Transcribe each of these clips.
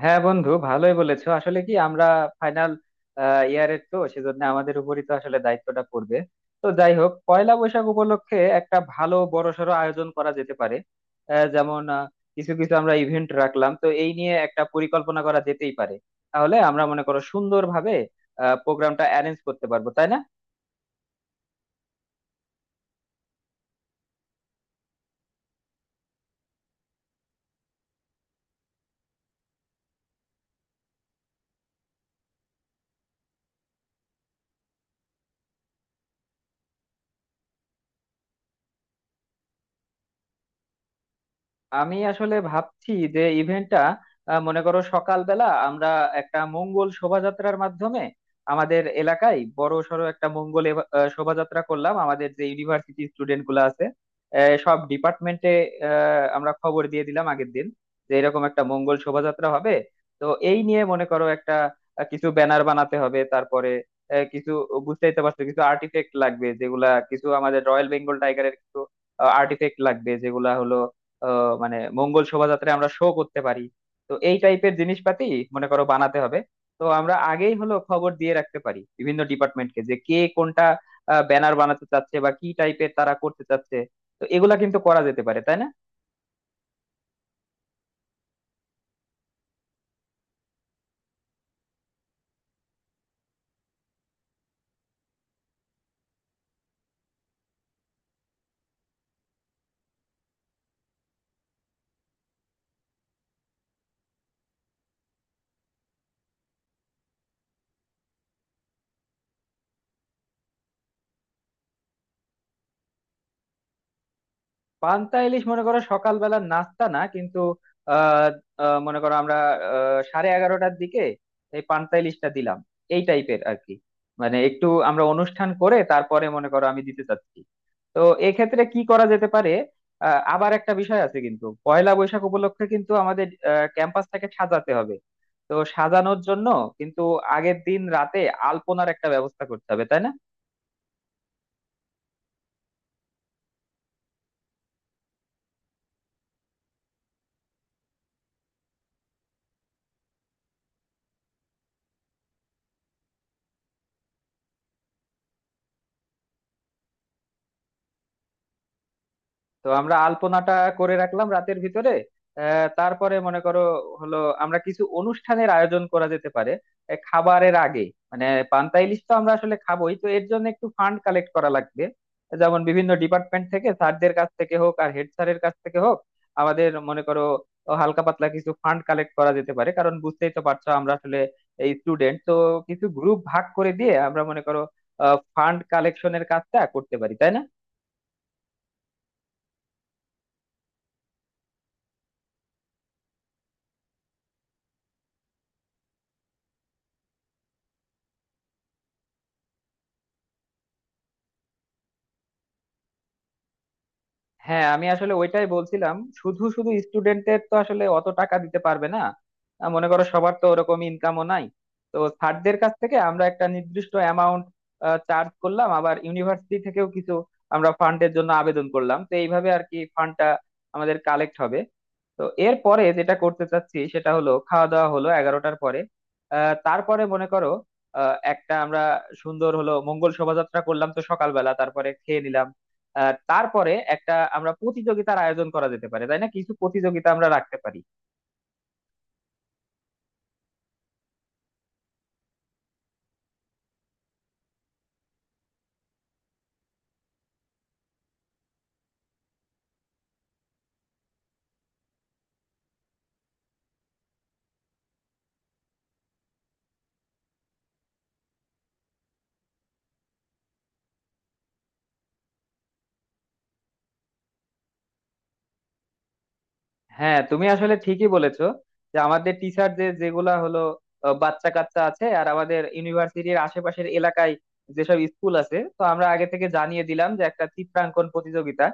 হ্যাঁ বন্ধু, ভালোই বলেছো। আসলে কি আমরা ফাইনাল ইয়ারের, তো সেজন্য আমাদের উপরই তো আসলে দায়িত্বটা পড়বে। তো যাই হোক, পয়লা বৈশাখ উপলক্ষে একটা ভালো বড়সড় আয়োজন করা যেতে পারে। আহ, যেমন আহ, কিছু কিছু আমরা ইভেন্ট রাখলাম, তো এই নিয়ে একটা পরিকল্পনা করা যেতেই পারে। তাহলে আমরা মনে করো সুন্দরভাবে প্রোগ্রামটা অ্যারেঞ্জ করতে পারবো, তাই না? আমি আসলে ভাবছি যে ইভেন্টটা, মনে করো সকালবেলা আমরা একটা মঙ্গল শোভাযাত্রার মাধ্যমে আমাদের এলাকায় বড় সড়ো একটা মঙ্গল শোভাযাত্রা করলাম। আমাদের যে ইউনিভার্সিটি স্টুডেন্ট গুলো আছে, সব ডিপার্টমেন্টে আমরা খবর দিয়ে দিলাম আগের দিন, যে এরকম একটা মঙ্গল শোভাযাত্রা হবে। তো এই নিয়ে মনে করো একটা কিছু ব্যানার বানাতে হবে। তারপরে কিছু, বুঝতেই তো পারছো, কিছু আর্টিফেক্ট লাগবে যেগুলা কিছু আমাদের রয়্যাল বেঙ্গল টাইগারের কিছু আর্টিফেক্ট লাগবে, যেগুলা হলো মানে মঙ্গল শোভাযাত্রায় আমরা শো করতে পারি। তো এই টাইপের জিনিসপাতি মনে করো বানাতে হবে। তো আমরা আগেই হলো খবর দিয়ে রাখতে পারি বিভিন্ন ডিপার্টমেন্টকে, যে কে কোনটা ব্যানার বানাতে চাচ্ছে বা কি টাইপের তারা করতে চাচ্ছে। তো এগুলা কিন্তু করা যেতে পারে, তাই না? পান্তা ইলিশ মনে করো সকালবেলার নাস্তা না কিন্তু। আহ আহ, মনে করো আমরা 11:30টার দিকে এই পান্তা ইলিশটা দিলাম, এই টাইপের আর কি। মানে একটু আমরা অনুষ্ঠান করে তারপরে মনে করো আমি দিতে চাচ্ছি। তো এক্ষেত্রে কি করা যেতে পারে? আবার একটা বিষয় আছে কিন্তু, পয়লা বৈশাখ উপলক্ষে কিন্তু আমাদের ক্যাম্পাসটাকে সাজাতে হবে। তো সাজানোর জন্য কিন্তু আগের দিন রাতে আলপনার একটা ব্যবস্থা করতে হবে, তাই না? তো আমরা আলপনাটা করে রাখলাম রাতের ভিতরে। তারপরে মনে করো হলো আমরা কিছু অনুষ্ঠানের আয়োজন করা যেতে পারে, খাবারের আগে। মানে পান্তা ইলিশ তো আমরা আসলে খাবোই, তো এর জন্য একটু ফান্ড কালেক্ট করা লাগবে। যেমন বিভিন্ন ডিপার্টমেন্ট থেকে, স্যারদের কাছ থেকে হোক আর হেড স্যারের কাছ থেকে হোক, আমাদের মনে করো হালকা পাতলা কিছু ফান্ড কালেক্ট করা যেতে পারে। কারণ বুঝতেই তো পারছো আমরা আসলে এই স্টুডেন্ট তো, কিছু গ্রুপ ভাগ করে দিয়ে আমরা মনে করো ফান্ড কালেকশনের কাজটা করতে পারি, তাই না? হ্যাঁ, আমি আসলে ওইটাই বলছিলাম। শুধু শুধু স্টুডেন্টদের তো আসলে অত টাকা দিতে পারবে না। মনে করো সবার তো ওরকম ইনকামও নাই। তো স্যারদের কাছ থেকে আমরা একটা নির্দিষ্ট অ্যামাউন্ট চার্জ করলাম, আবার ইউনিভার্সিটি থেকেও কিছু আমরা ফান্ডের জন্য আবেদন করলাম। তো এইভাবে আর কি ফান্ডটা আমাদের কালেক্ট হবে। তো এরপরে যেটা করতে চাচ্ছি সেটা হলো, খাওয়া দাওয়া হলো 11টার পরে। আহ, তারপরে মনে করো আহ, একটা আমরা সুন্দর হলো মঙ্গল শোভাযাত্রা করলাম তো সকালবেলা, তারপরে খেয়ে নিলাম। তারপরে একটা আমরা প্রতিযোগিতার আয়োজন করা যেতে পারে, তাই না? কিছু প্রতিযোগিতা আমরা রাখতে পারি। হ্যাঁ, তুমি আসলে ঠিকই বলেছো, যে আমাদের টিচার যে যেগুলা হলো বাচ্চা কাচ্চা আছে, আর আমাদের ইউনিভার্সিটির আশেপাশের এলাকায় যেসব স্কুল আছে, তো আমরা আগে থেকে জানিয়ে দিলাম যে একটা চিত্রাঙ্কন প্রতিযোগিতা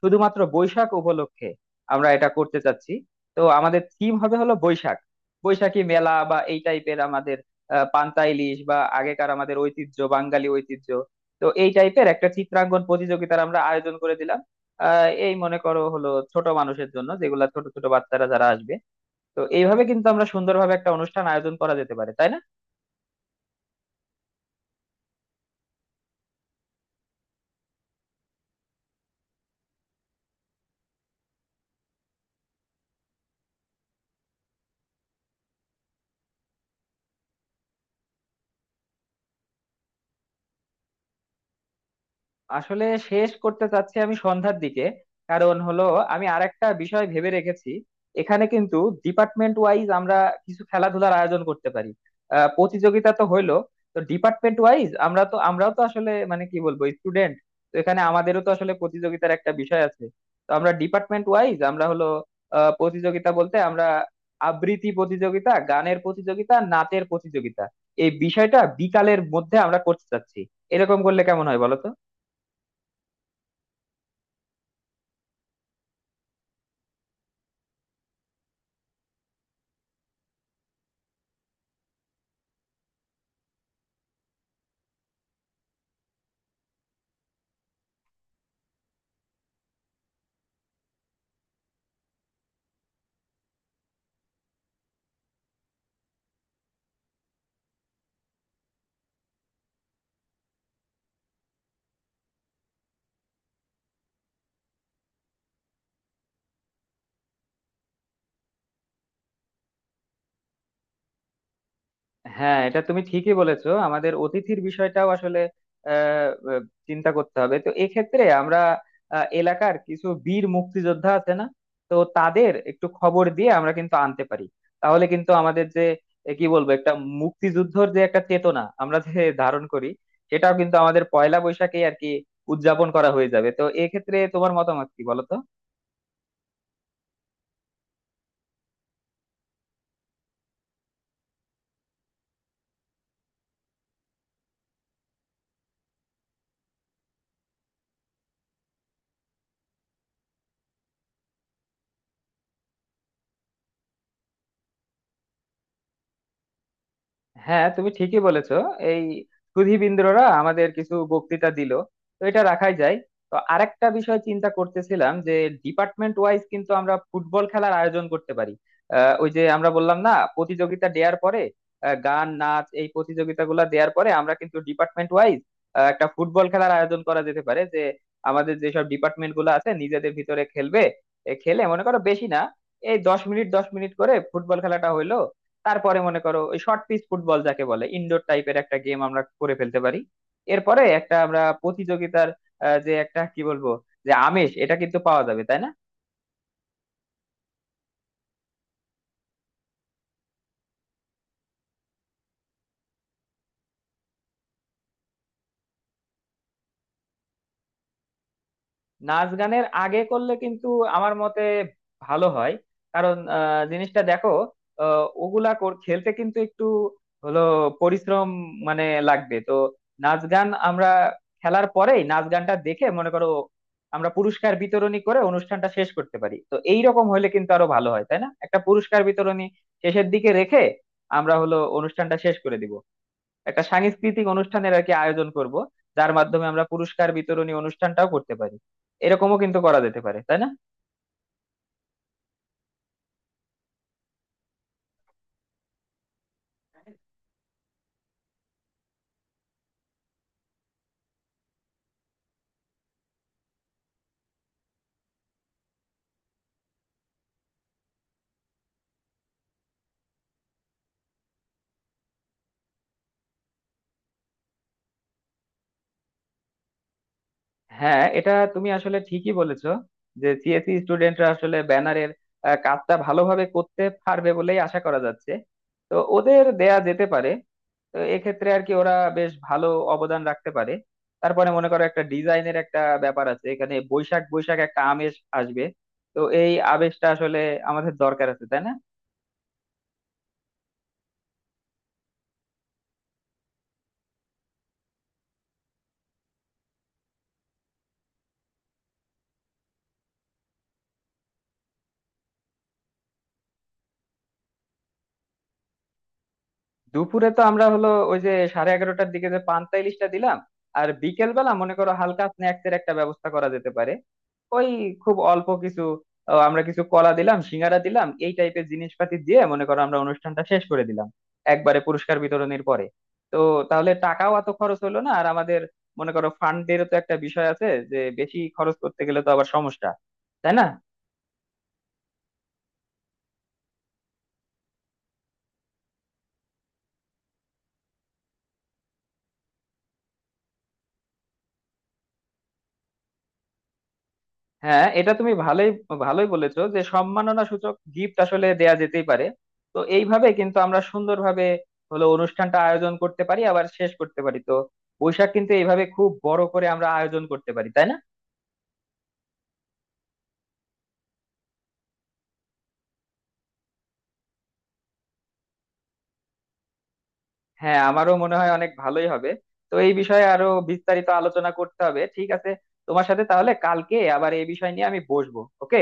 শুধুমাত্র বৈশাখ উপলক্ষে আমরা এটা করতে চাচ্ছি। তো আমাদের থিম হবে হলো বৈশাখ, বৈশাখী মেলা বা এই টাইপের আমাদের পান্তা ইলিশ বা আগেকার আমাদের ঐতিহ্য, বাঙালি ঐতিহ্য। তো এই টাইপের একটা চিত্রাঙ্কন প্রতিযোগিতার আমরা আয়োজন করে দিলাম। এই মনে করো হলো ছোট মানুষের জন্য, যেগুলা ছোট ছোট বাচ্চারা যারা আসবে। তো এইভাবে কিন্তু আমরা সুন্দরভাবে একটা অনুষ্ঠান আয়োজন করা যেতে পারে, তাই না? আসলে শেষ করতে চাচ্ছি আমি সন্ধ্যার দিকে। কারণ হলো, আমি আরেকটা বিষয় ভেবে রেখেছি। এখানে কিন্তু ডিপার্টমেন্ট ওয়াইজ আমরা কিছু খেলাধুলার আয়োজন করতে পারি। প্রতিযোগিতা তো হইলো, তো ডিপার্টমেন্ট ওয়াইজ আমরাও তো আসলে, মানে কি বলবো, স্টুডেন্ট, তো এখানে আমাদেরও তো আসলে প্রতিযোগিতার একটা বিষয় আছে। তো আমরা ডিপার্টমেন্ট ওয়াইজ হলো প্রতিযোগিতা বলতে আমরা আবৃত্তি প্রতিযোগিতা, গানের প্রতিযোগিতা, নাচের প্রতিযোগিতা, এই বিষয়টা বিকালের মধ্যে আমরা করতে চাচ্ছি। এরকম করলে কেমন হয় বলো তো? হ্যাঁ, এটা তুমি ঠিকই বলেছো, আমাদের অতিথির বিষয়টাও আসলে আহ, আহ, চিন্তা করতে হবে। তো এক্ষেত্রে আমরা এলাকার কিছু বীর মুক্তিযোদ্ধা আছে না, তো তাদের একটু খবর দিয়ে আমরা কিন্তু আনতে পারি। তাহলে কিন্তু আমাদের যে কি বলবো, একটা মুক্তিযুদ্ধর যে একটা চেতনা আমরা যে ধারণ করি, সেটাও কিন্তু আমাদের পয়লা বৈশাখে আর কি উদযাপন করা হয়ে যাবে। তো এক্ষেত্রে তোমার মতামত কি বলো তো? হ্যাঁ, তুমি ঠিকই বলেছো। এই সুধীবৃন্দরা আমাদের কিছু বক্তৃতা দিল, তো এটা রাখাই যায়। তো আরেকটা বিষয় চিন্তা করতেছিলাম, যে ডিপার্টমেন্ট ওয়াইজ কিন্তু আমরা ফুটবল খেলার আয়োজন করতে পারি। ওই যে আমরা বললাম না, প্রতিযোগিতা দেওয়ার পরে গান নাচ এই প্রতিযোগিতাগুলো দেওয়ার পরে আমরা কিন্তু ডিপার্টমেন্ট ওয়াইজ একটা ফুটবল খেলার আয়োজন করা যেতে পারে, যে আমাদের যেসব ডিপার্টমেন্ট গুলো আছে নিজেদের ভিতরে খেলবে। এ খেলে মনে করো বেশি না, এই দশ মিনিট 10 মিনিট করে ফুটবল খেলাটা হইলো। তারপরে মনে করো ওই শর্ট পিচ ফুটবল যাকে বলে, ইনডোর টাইপের একটা গেম আমরা করে ফেলতে পারি। এরপরে একটা আমরা প্রতিযোগিতার যে একটা কি বলবো, যে আমেজ, এটা কিন্তু পাওয়া যাবে, তাই না? নাচ গানের আগে করলে কিন্তু আমার মতে ভালো হয়। কারণ জিনিসটা দেখো, খেলতে কিন্তু একটু হলো পরিশ্রম মানে লাগবে তো। নাচ গান আমরা খেলার পরেই নাচ গানটা দেখে মনে করো আমরা পুরস্কার বিতরণী করে অনুষ্ঠানটা শেষ করতে পারি। তো এই রকম হলে কিন্তু আরো ভালো হয়, তাই না? একটা পুরস্কার বিতরণী শেষের দিকে রেখে আমরা হলো অনুষ্ঠানটা শেষ করে দিব। একটা সাংস্কৃতিক অনুষ্ঠানের আর কি আয়োজন করব, যার মাধ্যমে আমরা পুরস্কার বিতরণী অনুষ্ঠানটাও করতে পারি। এরকমও কিন্তু করা যেতে পারে, তাই না? হ্যাঁ, এটা তুমি আসলে ঠিকই বলেছো, যে সিএসসি স্টুডেন্টরা আসলে ব্যানারের কাজটা ভালোভাবে করতে পারবে বলেই আশা করা যাচ্ছে। তো ওদের দেয়া যেতে পারে। তো এক্ষেত্রে আর কি ওরা বেশ ভালো অবদান রাখতে পারে। তারপরে মনে করো একটা ডিজাইনের একটা ব্যাপার আছে, এখানে বৈশাখ বৈশাখ একটা আমেজ আসবে। তো এই আবেশটা আসলে আমাদের দরকার আছে, তাই না? দুপুরে তো আমরা হলো ওই যে 11:30টার দিকে যে পান্তা ইলিশটা দিলাম, আর বিকেল বেলা মনে করো হালকা স্ন্যাক্স এর একটা ব্যবস্থা করা যেতে পারে। ওই খুব অল্প কিছু, আমরা কিছু কলা দিলাম, সিঙ্গারা দিলাম, এই টাইপের জিনিসপাতি দিয়ে মনে করো আমরা অনুষ্ঠানটা শেষ করে দিলাম, একবারে পুরস্কার বিতরণের পরে। তো তাহলে টাকাও এত খরচ হলো না। আর আমাদের মনে করো ফান্ডেরও তো একটা বিষয় আছে, যে বেশি খরচ করতে গেলে তো আবার সমস্যা, তাই না? হ্যাঁ, এটা তুমি ভালোই ভালোই বলেছো, যে সম্মাননা সূচক গিফট আসলে দেয়া যেতেই পারে। তো এইভাবে কিন্তু আমরা সুন্দরভাবে হলো অনুষ্ঠানটা আয়োজন করতে পারি, আবার শেষ করতে পারি। তো বৈশাখ কিন্তু এইভাবে খুব বড় করে আমরা আয়োজন করতে পারি, তাই না? হ্যাঁ, আমারও মনে হয় অনেক ভালোই হবে। তো এই বিষয়ে আরো বিস্তারিত আলোচনা করতে হবে, ঠিক আছে? তোমার সাথে তাহলে কালকে আবার এই বিষয় নিয়ে আমি বসবো, ওকে।